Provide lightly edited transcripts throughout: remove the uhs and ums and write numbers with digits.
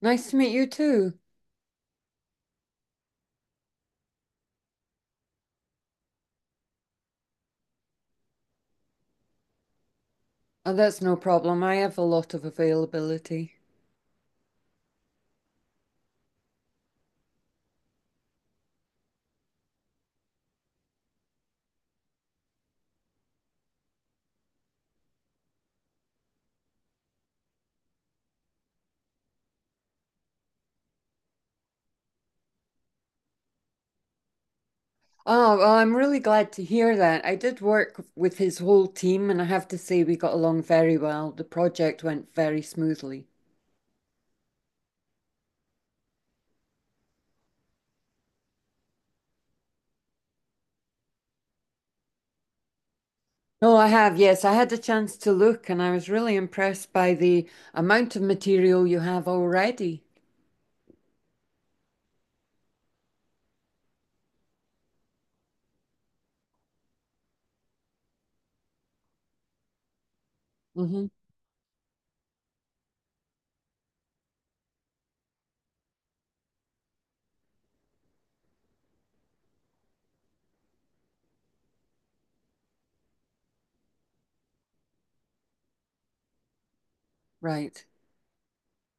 Nice to meet you too. Oh, that's no problem. I have a lot of availability. Oh, well, I'm really glad to hear that. I did work with his whole team, and I have to say we got along very well. The project went very smoothly. No, I have, yes. I had a chance to look, and I was really impressed by the amount of material you have already. Hmm. Right.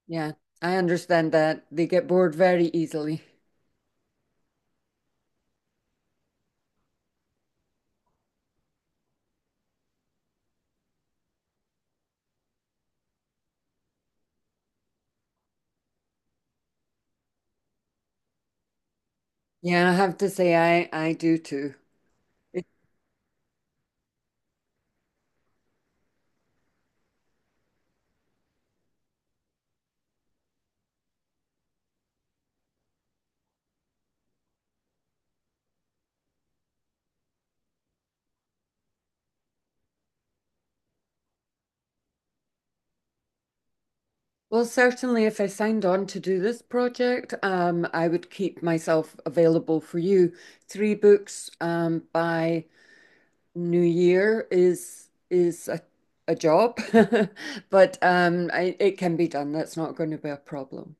Yeah, I understand that. They get bored very easily. Yeah, I have to say I do too. Well, certainly, if I signed on to do this project, I would keep myself available for you. Three books by New Year is a job, but it can be done. That's not going to be a problem.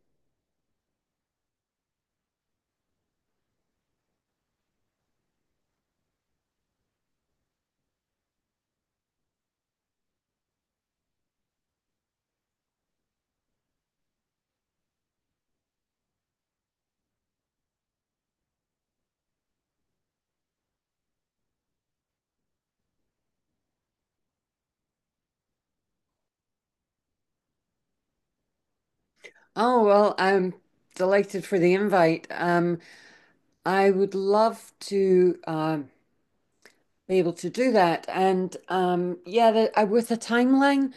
Oh well, I'm delighted for the invite. I would love to be able to do that, and yeah, with a timeline.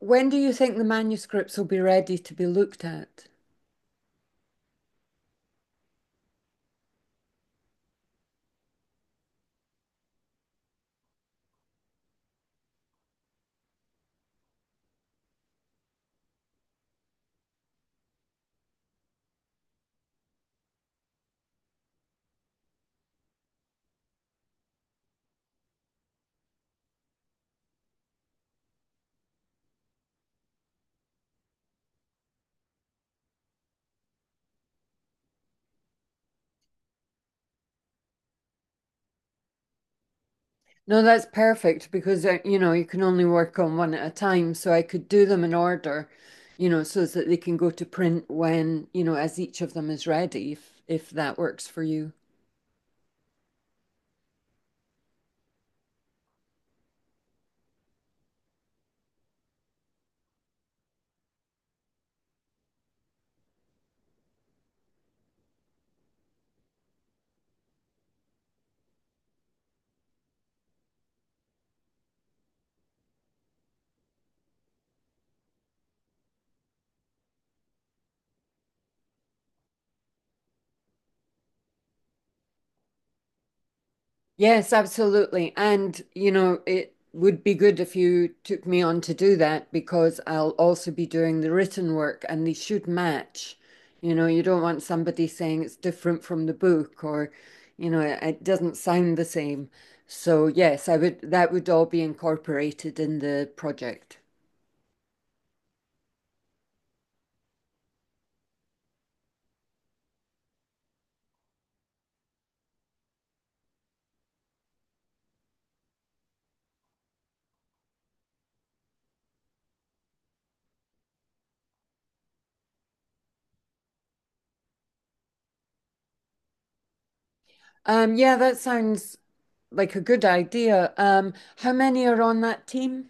When do you think the manuscripts will be ready to be looked at? No, that's perfect because you know you can only work on one at a time. So I could do them in order, you know, so that they can go to print when, you know, as each of them is ready, if that works for you. Yes, absolutely. And, you know, it would be good if you took me on to do that because I'll also be doing the written work and they should match. You know, you don't want somebody saying it's different from the book or, you know, it doesn't sound the same. So, yes, I would, that would all be incorporated in the project. Yeah, that sounds like a good idea. How many are on that team?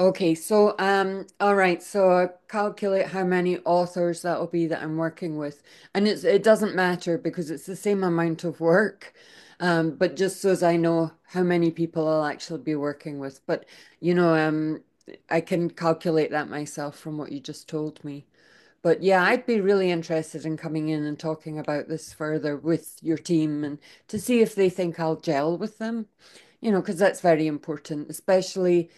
Okay, so all right, so I calculate how many authors that'll be that I'm working with, and it doesn't matter because it's the same amount of work, but just so as I know how many people I'll actually be working with. But you know, I can calculate that myself from what you just told me. But yeah, I'd be really interested in coming in and talking about this further with your team and to see if they think I'll gel with them, you know, because that's very important, especially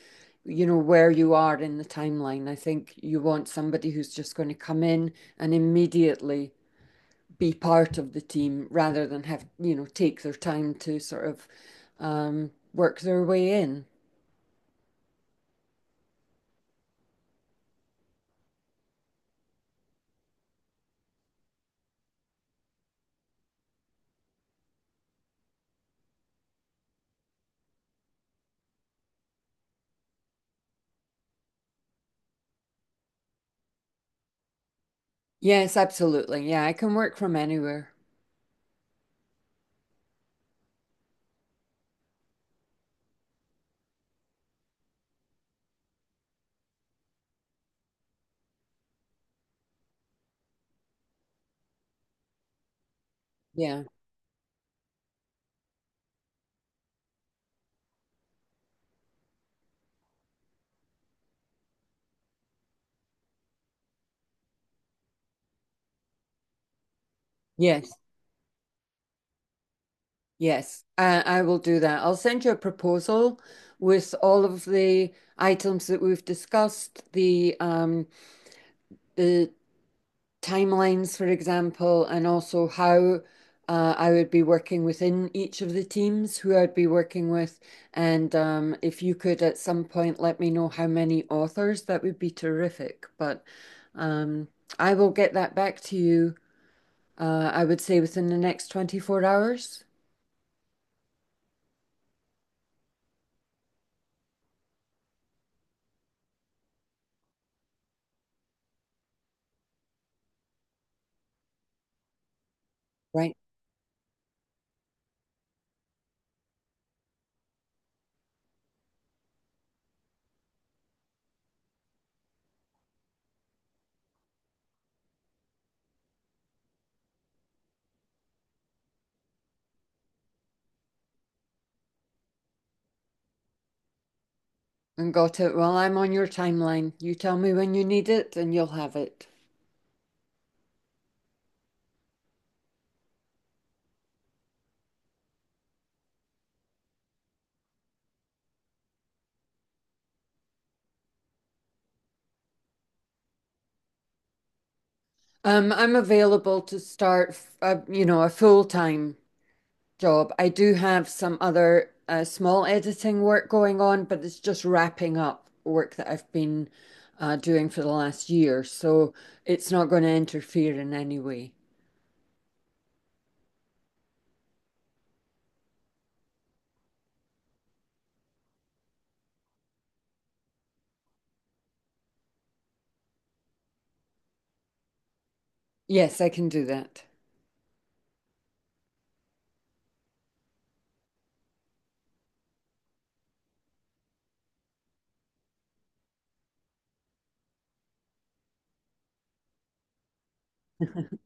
you know where you are in the timeline. I think you want somebody who's just going to come in and immediately be part of the team rather than have you know take their time to sort of work their way in. Yes, absolutely. Yeah, I can work from anywhere. Yeah. Yes. Yes. I will do that. I'll send you a proposal with all of the items that we've discussed, the timelines, for example, and also how I would be working within each of the teams, who I'd be working with. And if you could at some point let me know how many authors, that would be terrific. But um, I will get that back to you, I would say within the next 24 hours. Right. And got it. Well, I'm on your timeline. You tell me when you need it and you'll have it. I'm available to start, you know, a full-time job. I do have some other small editing work going on, but it's just wrapping up work that I've been doing for the last year. So it's not going to interfere in any way. Yes, I can do that.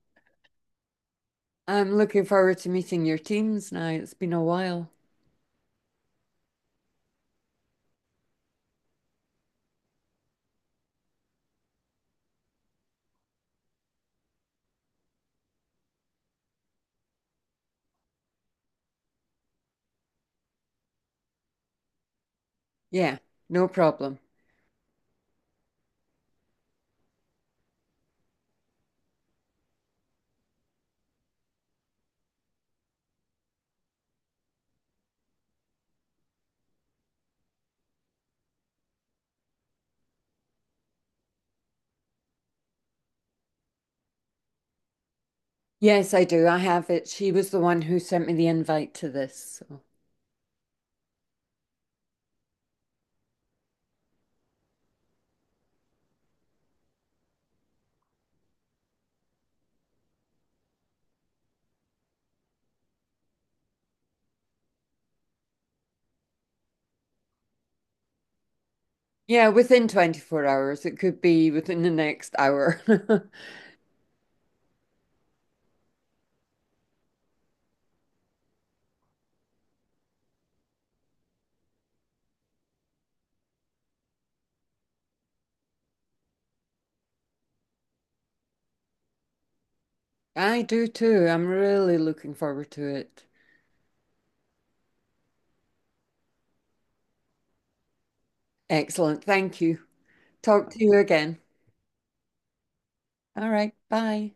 I'm looking forward to meeting your teams now. It's been a while. Yeah, no problem. Yes, I do. I have it. She was the one who sent me the invite to this. So. Yeah, within 24 hours. It could be within the next hour. I do too. I'm really looking forward to it. Excellent. Thank you. Talk to you again. All right. Bye.